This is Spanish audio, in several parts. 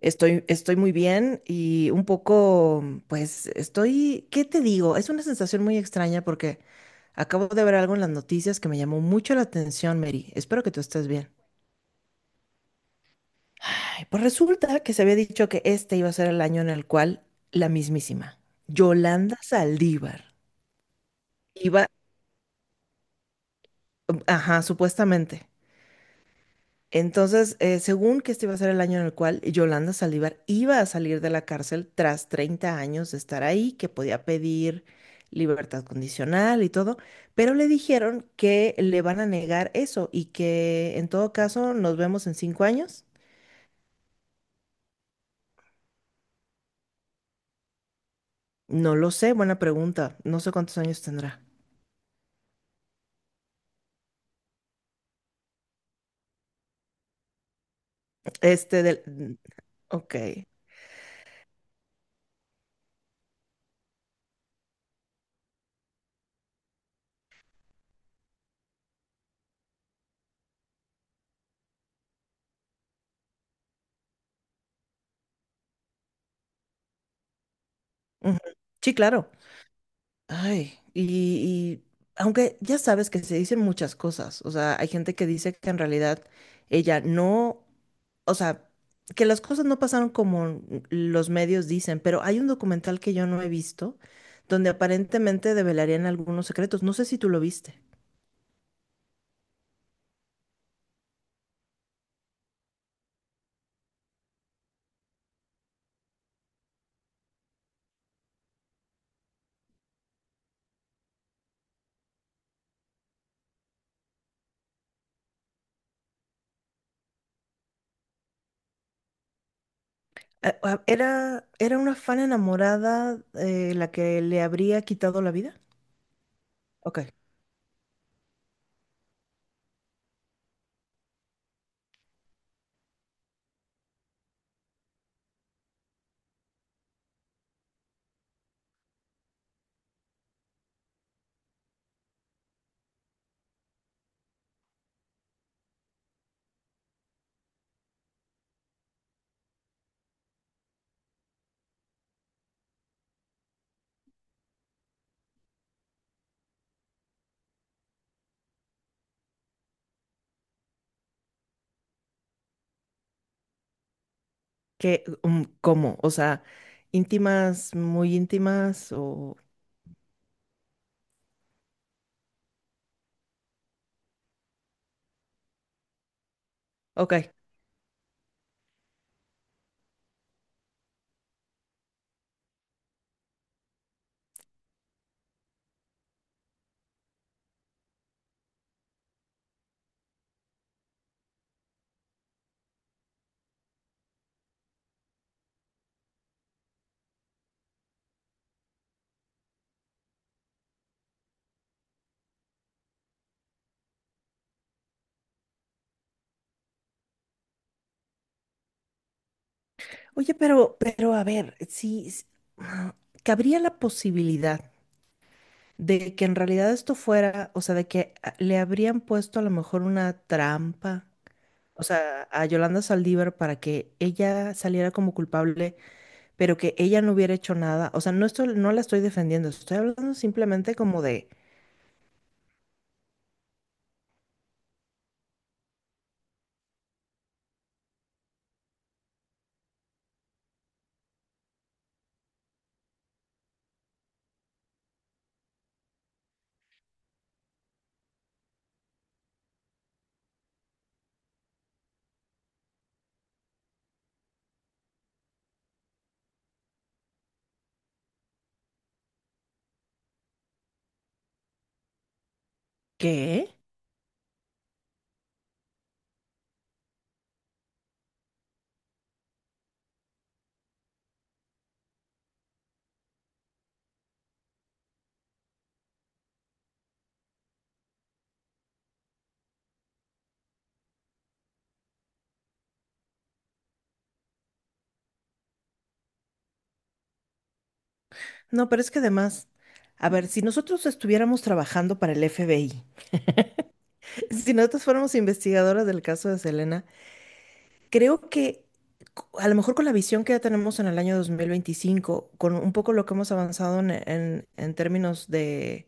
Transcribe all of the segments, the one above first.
Estoy muy bien y un poco, pues estoy, ¿qué te digo? Es una sensación muy extraña porque acabo de ver algo en las noticias que me llamó mucho la atención, Mary. Espero que tú estés bien. Ay, pues resulta que se había dicho que este iba a ser el año en el cual la mismísima Yolanda Saldívar iba, ajá, supuestamente. Entonces, según que este iba a ser el año en el cual Yolanda Saldívar iba a salir de la cárcel tras 30 años de estar ahí, que podía pedir libertad condicional y todo, pero le dijeron que le van a negar eso y que en todo caso nos vemos en 5 años. No lo sé, buena pregunta. No sé cuántos años tendrá. Este ok. Ujú. Sí, claro. Ay, y, y aunque ya sabes que se dicen muchas cosas, o sea, hay gente que dice que en realidad ella no, o sea, que las cosas no pasaron como los medios dicen, pero hay un documental que yo no he visto donde aparentemente develarían algunos secretos, no sé si tú lo viste. Era una fan enamorada, la que le habría quitado la vida. Ok. ¿Qué, cómo? O sea, íntimas, muy íntimas o... Ok. Oye, pero a ver, si s- ah, cabría la posibilidad de que en realidad esto fuera, o sea, de que le habrían puesto a lo mejor una trampa, o sea, a Yolanda Saldívar para que ella saliera como culpable, pero que ella no hubiera hecho nada. O sea, no estoy, no la estoy defendiendo, estoy hablando simplemente como de, ¿qué? No, pero es que además, a ver, si nosotros estuviéramos trabajando para el FBI, si nosotros fuéramos investigadoras del caso de Selena, creo que a lo mejor con la visión que ya tenemos en el año 2025, con un poco lo que hemos avanzado en, en términos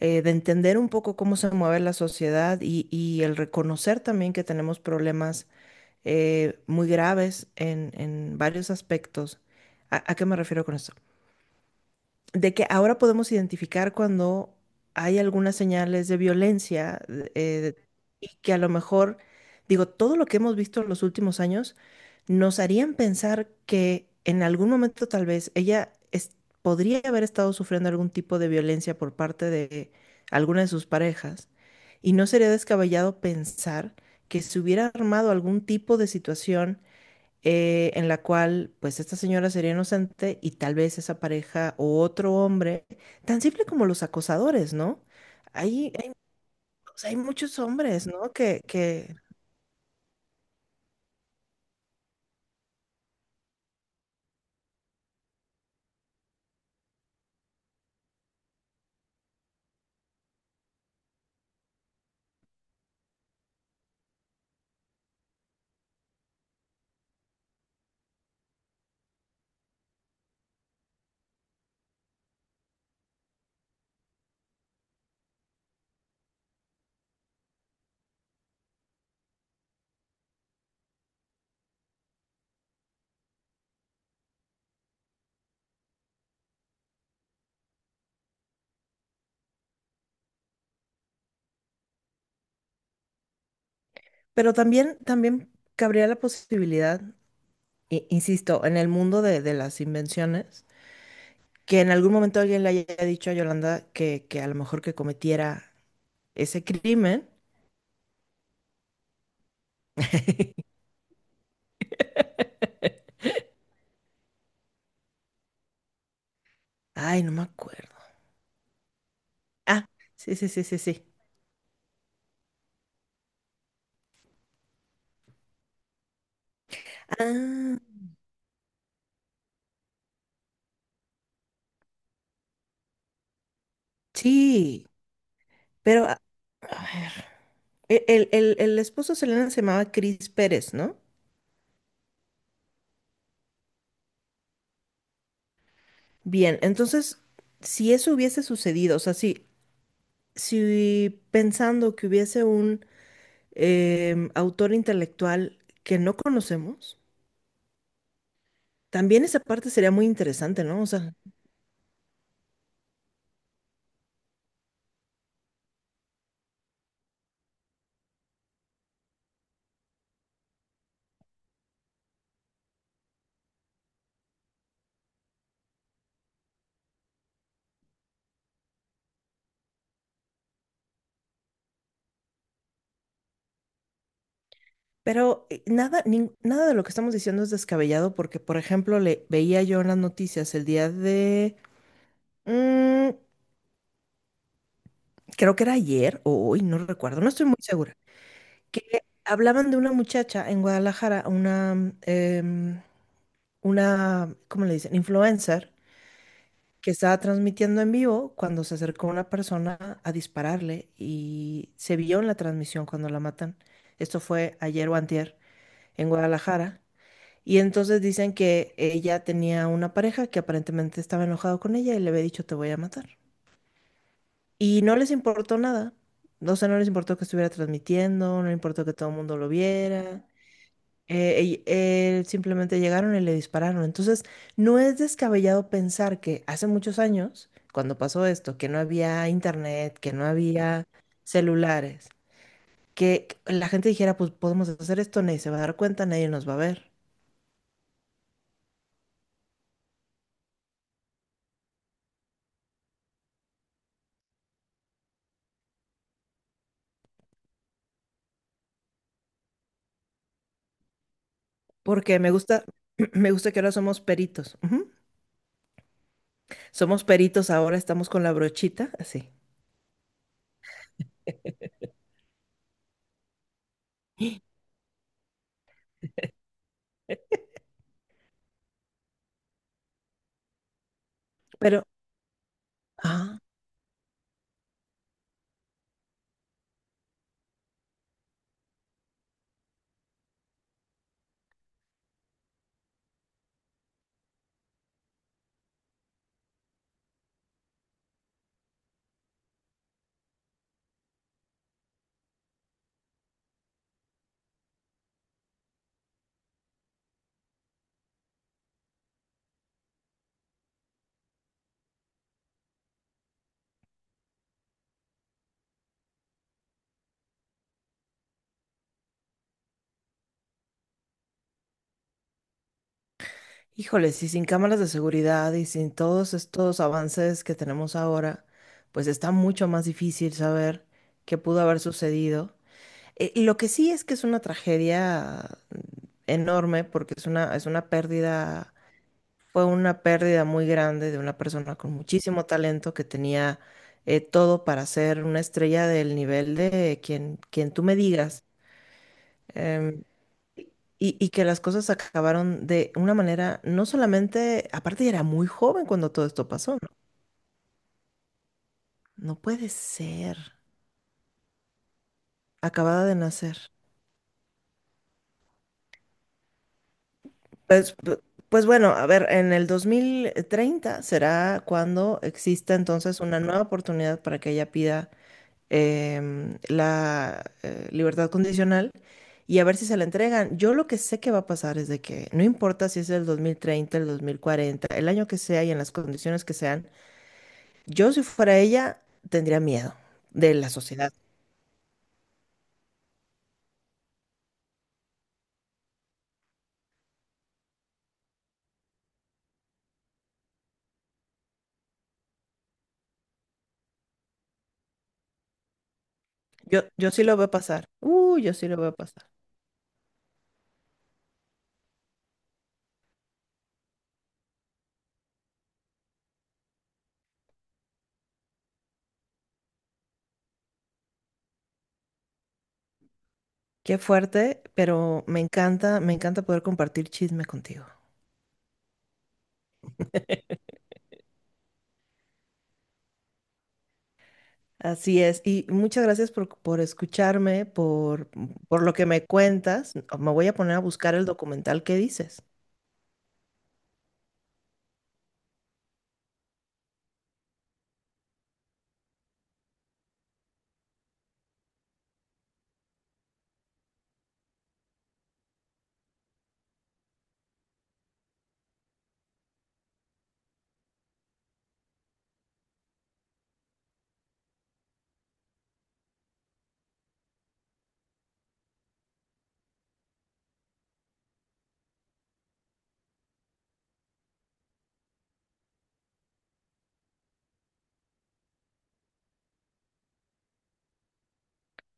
de entender un poco cómo se mueve la sociedad y el reconocer también que tenemos problemas, muy graves en varios aspectos. A qué me refiero con esto? De que ahora podemos identificar cuando hay algunas señales de violencia, eh, y que a lo mejor, digo, todo lo que hemos visto en los últimos años nos harían pensar que en algún momento tal vez podría haber estado sufriendo algún tipo de violencia por parte de alguna de sus parejas y no sería descabellado pensar que se hubiera armado algún tipo de situación, en la cual pues esta señora sería inocente y tal vez esa pareja o otro hombre, tan simple como los acosadores, ¿no? Hay, hay, o sea, hay muchos hombres, ¿no? Que... Pero también cabría la posibilidad, insisto, en el mundo de las invenciones, que en algún momento alguien le haya dicho a Yolanda que a lo mejor que cometiera ese crimen. Ay, no me acuerdo. Ah, sí, sí, sí, sí, sí. Ah, sí, pero... A ver. El esposo de Selena se llamaba Chris Pérez, ¿no? Bien, entonces, si eso hubiese sucedido, o sea, si, si pensando que hubiese un autor intelectual que no conocemos, también esa parte sería muy interesante, ¿no? O sea, pero nada, nada de lo que estamos diciendo es descabellado porque, por ejemplo, le veía yo en las noticias el día de, mm, creo que era ayer o hoy, no recuerdo, no estoy muy segura que hablaban de una muchacha en Guadalajara, una, una, ¿cómo le dicen? Influencer, que estaba transmitiendo en vivo cuando se acercó una persona a dispararle y se vio en la transmisión cuando la matan. Esto fue ayer o antier en Guadalajara. Y entonces dicen que ella tenía una pareja que aparentemente estaba enojado con ella y le había dicho te voy a matar. Y no les importó nada. O sea, no les importó que estuviera transmitiendo, no les importó que todo el mundo lo viera. Y él simplemente llegaron y le dispararon. Entonces, no es descabellado pensar que hace muchos años, cuando pasó esto, que no había internet, que no había celulares, que la gente dijera, pues podemos hacer esto, nadie se va a dar cuenta, nadie nos va a ver. Porque me gusta, me gusta que ahora somos peritos. Ujú. Somos peritos, ahora estamos con la brochita, así. Pero, híjole, si sin cámaras de seguridad y sin todos estos avances que tenemos ahora, pues está mucho más difícil saber qué pudo haber sucedido. Y lo que sí es que es una tragedia enorme porque es una pérdida, fue una pérdida muy grande de una persona con muchísimo talento que tenía, todo para ser una estrella del nivel de quien, quien tú me digas. Em, y, y que las cosas acabaron de una manera, no solamente, aparte ya era muy joven cuando todo esto pasó, ¿no? No puede ser. Acabada de nacer. Pues, p- pues bueno, a ver, en el 2030 será cuando exista entonces una nueva oportunidad para que ella pida, la libertad condicional y a ver si se la entregan. Yo lo que sé que va a pasar es de que no importa si es el 2030 el 2040 el año que sea y en las condiciones que sean, yo si fuera ella, tendría miedo de la sociedad. Yo sí lo veo pasar. Yo sí lo veo pasar. Qué fuerte, pero me encanta poder compartir chisme contigo. Así es. Y muchas gracias por escucharme, por lo que me cuentas. Me voy a poner a buscar el documental que dices.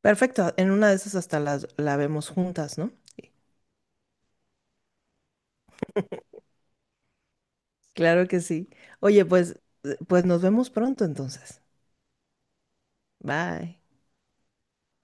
Perfecto. En una de esas hasta las, la vemos juntas, ¿no? Claro que sí. Oye, pues, pues nos vemos pronto entonces. Bye.